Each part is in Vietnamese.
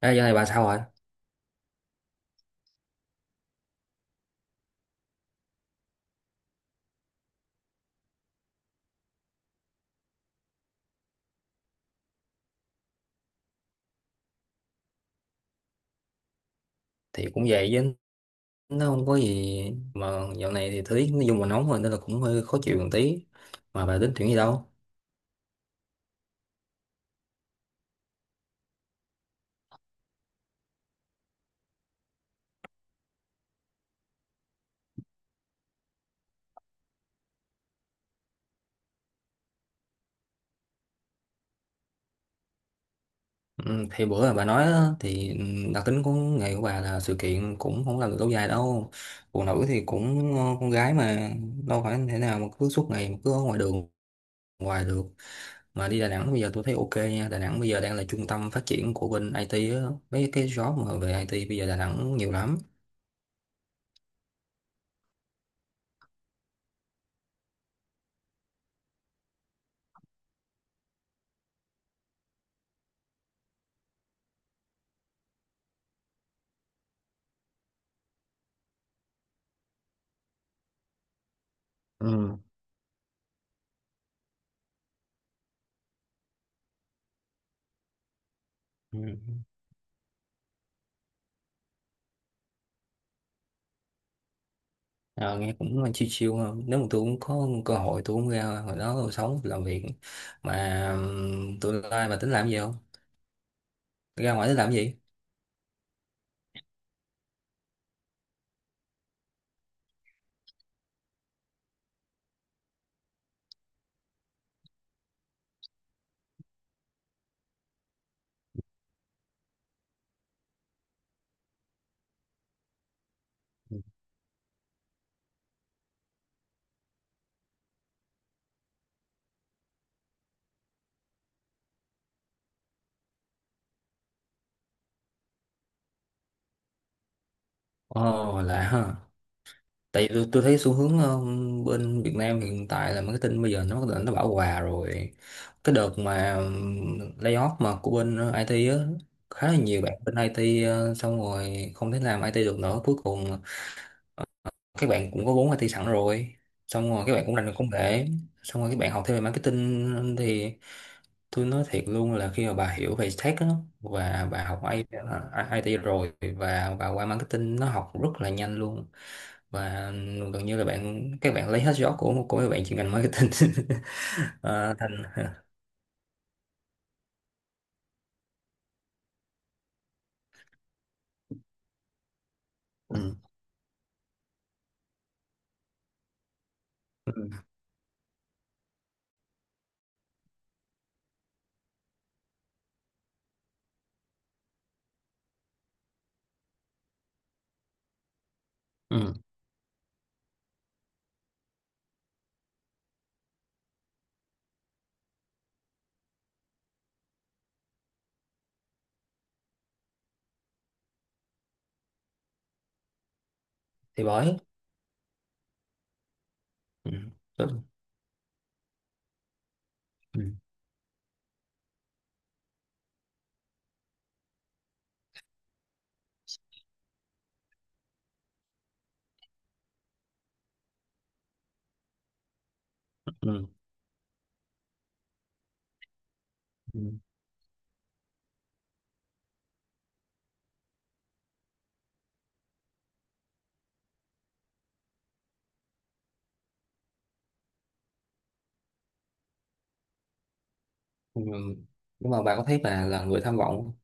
Ê, giờ này bà sao rồi? Thì cũng vậy chứ nó không có gì mà dạo này thì thời tiết nói chung là nóng rồi nên là cũng hơi khó chịu một tí. Mà bà tính chuyện gì đâu? Ừ, thì bữa là bà nói á, thì ừ, đặc tính của nghề của bà là sự kiện cũng không làm được lâu dài đâu. Phụ nữ thì cũng con gái mà, đâu phải thế nào mà cứ suốt ngày mà cứ ở ngoài đường, ngoài được. Mà đi Đà Nẵng bây giờ tôi thấy ok nha. Đà Nẵng bây giờ đang là trung tâm phát triển của bên IT á, mấy cái job mà về IT bây giờ Đà Nẵng nhiều lắm. Ừ. Ừ. Ờ, nghe cũng chill chill hơn. Nếu mà tôi cũng có cơ hội tôi cũng ra, hồi đó tôi sống tôi làm việc. Mà tôi lai mà tính làm gì không, ra ngoài tính làm gì? Ồ, lạ ha. Tại vì tôi thấy xu hướng bên Việt Nam hiện tại là marketing bây giờ nó bắt đầu nó bão hòa rồi. Cái đợt mà layoff mà của bên IT á, khá là nhiều bạn bên IT xong rồi không thể làm IT được nữa. Cuối cùng các bạn cũng có vốn IT sẵn rồi, xong rồi các bạn cũng rành về công nghệ, xong rồi các bạn học thêm về marketing thì tôi nói thiệt luôn là khi mà bà hiểu về tech á, và IT rồi và bà qua marketing nó học rất là nhanh luôn. Và gần như là bạn các bạn lấy hết gió của các bạn chuyên ngành marketing. Ờ, thành ừ. Ừ. Ừ. Thì bởi. Ừ. Ừ. Ừ. Ừ. Ừ. Nhưng mà bà có thấy bà là người tham vọng không?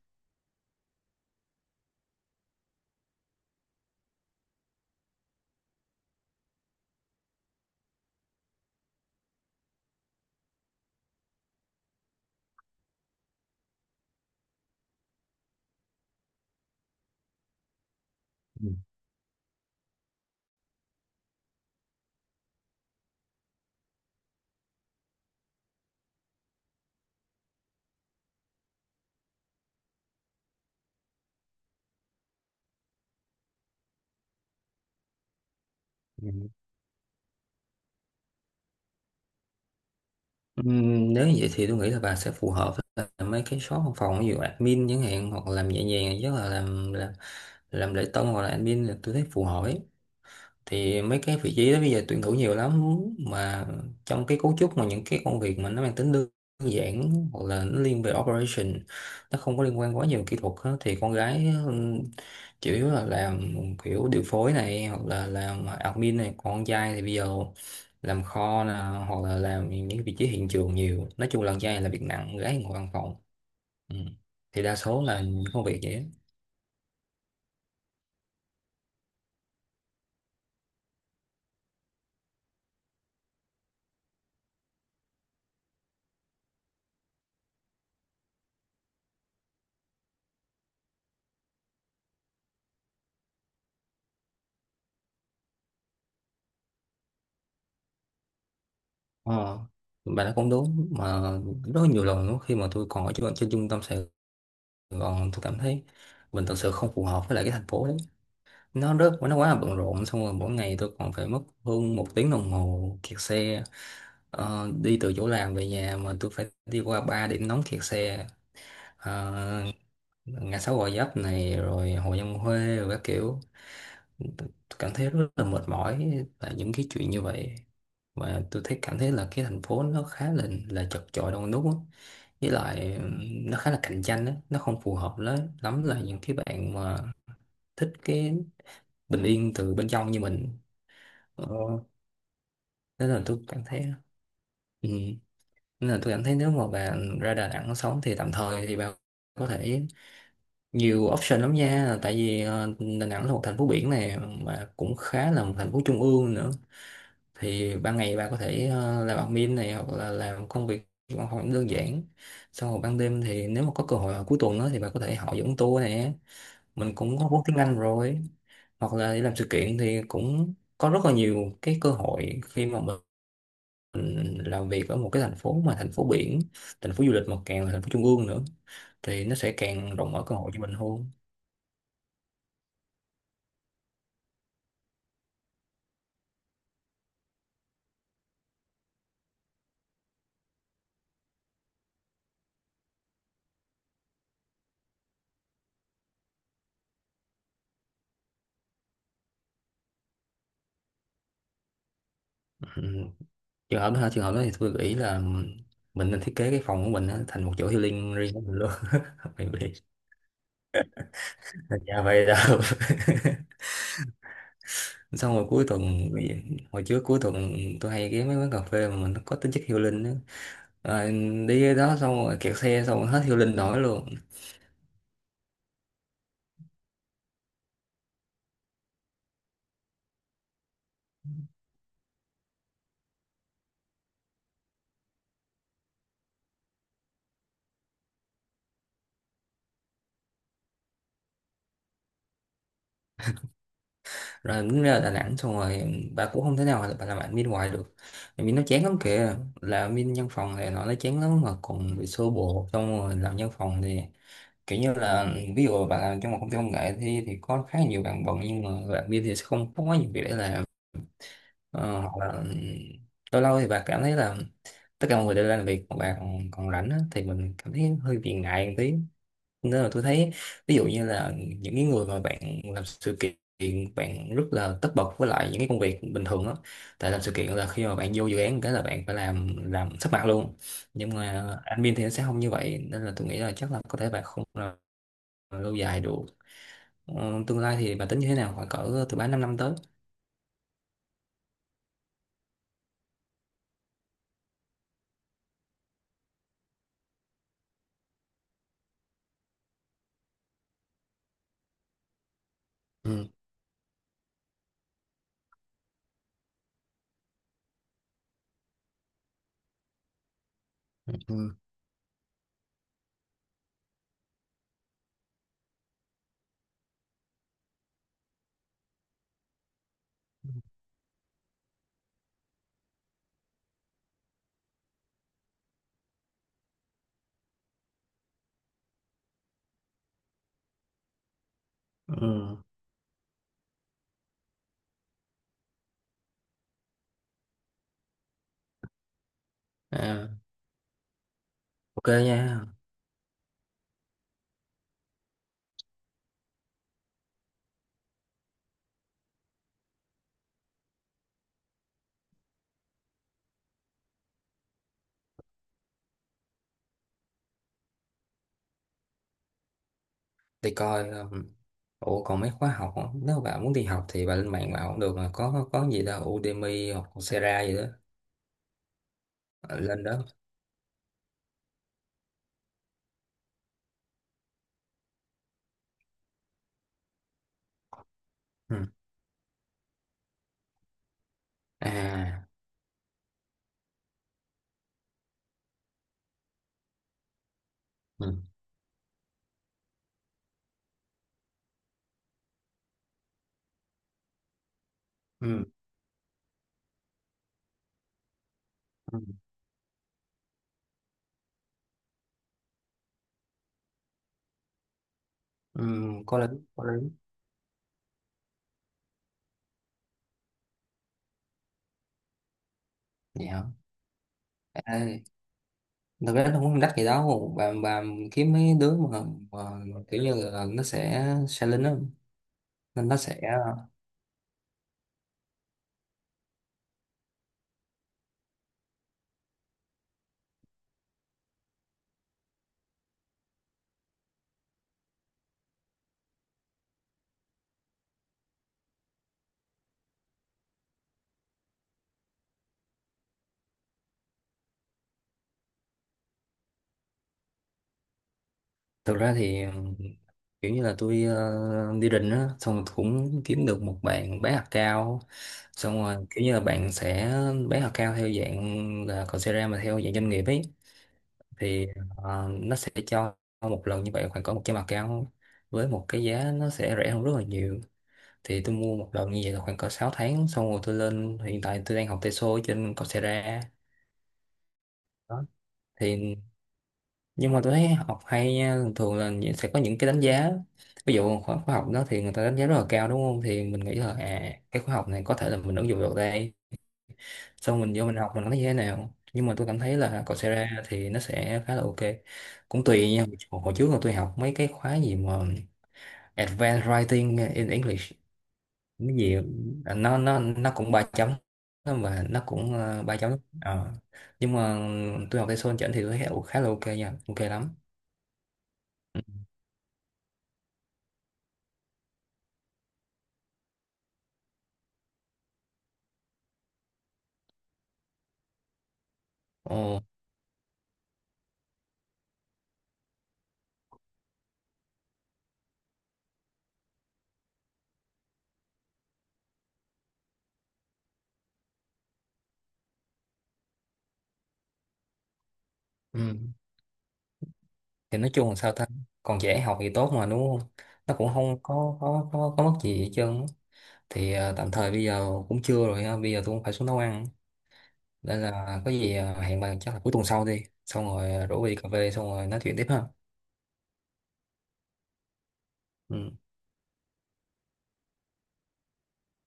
Ừ. Ừ. Nếu như vậy thì tôi nghĩ là bà sẽ phù hợp với lại mấy cái shop văn phòng, ví dụ admin chẳng hạn, hoặc làm nhẹ nhàng nhất là làm lễ tân hoặc là admin là tôi thấy phù hợp ấy. Thì mấy cái vị trí đó bây giờ tuyển thủ nhiều lắm mà. Trong cái cấu trúc mà những cái công việc mà nó mang tính đơn giản hoặc là nó liên về operation, nó không có liên quan quá nhiều kỹ thuật á, thì con gái ừ, chủ yếu là làm kiểu điều phối này hoặc là làm admin này. Còn con trai thì bây giờ làm kho nè, hoặc là làm những vị trí hiện trường nhiều. Nói chung là con trai là việc nặng, con gái ngồi văn phòng. Ừ. Thì đa số là những công việc vậy á. Ờ, bà nói cũng đúng mà. Rất nhiều lần lúc khi mà tôi còn ở trên trung tâm Sài Gòn, tôi cảm thấy mình thật sự không phù hợp với lại cái thành phố đấy. Nó rất, nó quá là bận rộn, xong rồi mỗi ngày tôi còn phải mất hơn một tiếng đồng hồ kẹt xe. Ờ, đi từ chỗ làm về nhà mà tôi phải đi qua ba điểm nóng kẹt xe. Ờ, ngã sáu Gò Vấp này rồi Hồ Văn Huê rồi các kiểu. Tôi cảm thấy rất là mệt mỏi tại những cái chuyện như vậy. Mà tôi thấy cảm thấy là cái thành phố nó khá là chật chội đông đúc á. Với lại nó khá là cạnh tranh á, nó không phù hợp lắm lắm là những cái bạn mà thích cái bình yên từ bên trong như mình. Ờ, nên là tôi cảm thấy. Ừ. Nên là tôi cảm thấy nếu mà bạn ra Đà Nẵng sống thì tạm thời thì bạn có thể nhiều option lắm nha. Tại vì Đà Nẵng là một thành phố biển này mà cũng khá là một thành phố trung ương nữa, thì ban ngày bà có thể làm admin này hoặc là làm công việc văn phòng đơn giản, xong rồi ban đêm thì nếu mà có cơ hội vào cuối tuần đó thì bà có thể họ dẫn tour nè. Mình cũng có vốn tiếng Anh rồi, hoặc là đi làm sự kiện thì cũng có rất là nhiều cái cơ hội khi mà mình làm việc ở một cái thành phố mà thành phố biển, thành phố du lịch mà càng là thành phố trung ương nữa thì nó sẽ càng rộng mở cơ hội cho mình hơn. Ừ. Trường hợp đó hả? Trường hợp đó thì tôi nghĩ là mình nên thiết kế cái phòng của mình á, thành một chỗ healing riêng của mình luôn. Mày biết. Dạ vậy đâu. Xong rồi cuối tuần, hồi trước cuối tuần tôi hay ghé mấy quán cà phê mà mình nó có tính chất healing á. Rồi đi cái đó xong rồi kẹt xe xong rồi hết healing nổi luôn. Rồi đến ra Đà Nẵng xong rồi bà cũng không thể nào là bà làm admin hoài được. Admin nó chán lắm kìa. Làm admin văn phòng thì nó chán lắm mà còn bị xô bồ, xong rồi làm văn phòng thì kiểu như là ví dụ bạn làm trong một công ty công nghệ thì có khá nhiều bạn bận nhưng mà bạn kia thì sẽ không có quá nhiều việc để làm. Ờ, hoặc là lâu lâu thì bạn cảm thấy là tất cả mọi người đều làm việc còn còn rảnh á, thì mình cảm thấy hơi bị ngại một tí. Nên là tôi thấy ví dụ như là những cái người mà bạn làm sự kiện, bạn rất là tất bật với lại những cái công việc bình thường á. Tại làm sự kiện là khi mà bạn vô dự án cái là bạn phải làm sắp mặt luôn. Nhưng mà admin thì nó sẽ không như vậy, nên là tôi nghĩ là chắc là có thể bạn không lâu dài được. Ờ, tương lai thì bà tính như thế nào khoảng cỡ từ 3 năm năm tới? Ừ. Ừ. Ừ. Ừ. À, ok nha. Thì coi ủa còn mấy khóa học á, nếu mà bà muốn đi học thì bà lên mạng bà cũng được mà, có gì đâu, Udemy hoặc Coursera gì đó. Ờ, lên đó. Ừ. À. Ừ. Ừ. Ừ. Ừ. Có lý. Có lý. Vậy hả? À, thực ra nó cũng không đắt gì đâu bà. Bà kiếm mấy đứa mà kiểu như là nó sẽ lên đó nên nó sẽ. Thực ra thì kiểu như là tôi đi định á xong rồi cũng kiếm được một bạn bán hạt cao, xong rồi kiểu như là bạn sẽ bán hạt cao theo dạng là Coursera mà theo dạng doanh nghiệp ấy. Thì nó sẽ cho một lần như vậy khoảng cỡ 100 hạt cao với một cái giá nó sẽ rẻ hơn rất là nhiều. Thì tôi mua một lần như vậy là khoảng cỡ 6 tháng, xong rồi tôi lên, hiện tại tôi đang học TESOL ở trên Coursera. Đó thì. Nhưng mà tôi thấy học hay nha, thường thường là sẽ có những cái đánh giá, ví dụ khóa khóa học đó thì người ta đánh giá rất là cao đúng không, thì mình nghĩ là à cái khóa học này có thể là mình ứng dụng được đây, xong mình vô mình học mình thấy như thế nào. Nhưng mà tôi cảm thấy là Coursera thì nó sẽ khá là ok. Cũng tùy nha. Hồi Hồi trước là tôi học mấy cái khóa gì mà Advanced Writing in English cái gì. À, nó nó cũng ba chấm, mà nó cũng ba chấm. Ờ. Nhưng mà tôi học TESOL chỉnh thì tôi thấy khá là ok nha, ok lắm. Ừ. Ồ. Ừ. Thì nói chung là sao ta? Còn dễ học thì tốt mà đúng không? Nó cũng không có có mất gì hết trơn á. Thì à, tạm thời bây giờ cũng trưa rồi ha, bây giờ tôi cũng phải xuống nấu ăn, nên là có gì à, hẹn bạn chắc là cuối tuần sau đi, xong rồi ờ, rủ đi cà phê xong rồi nói chuyện tiếp ha. Ừ.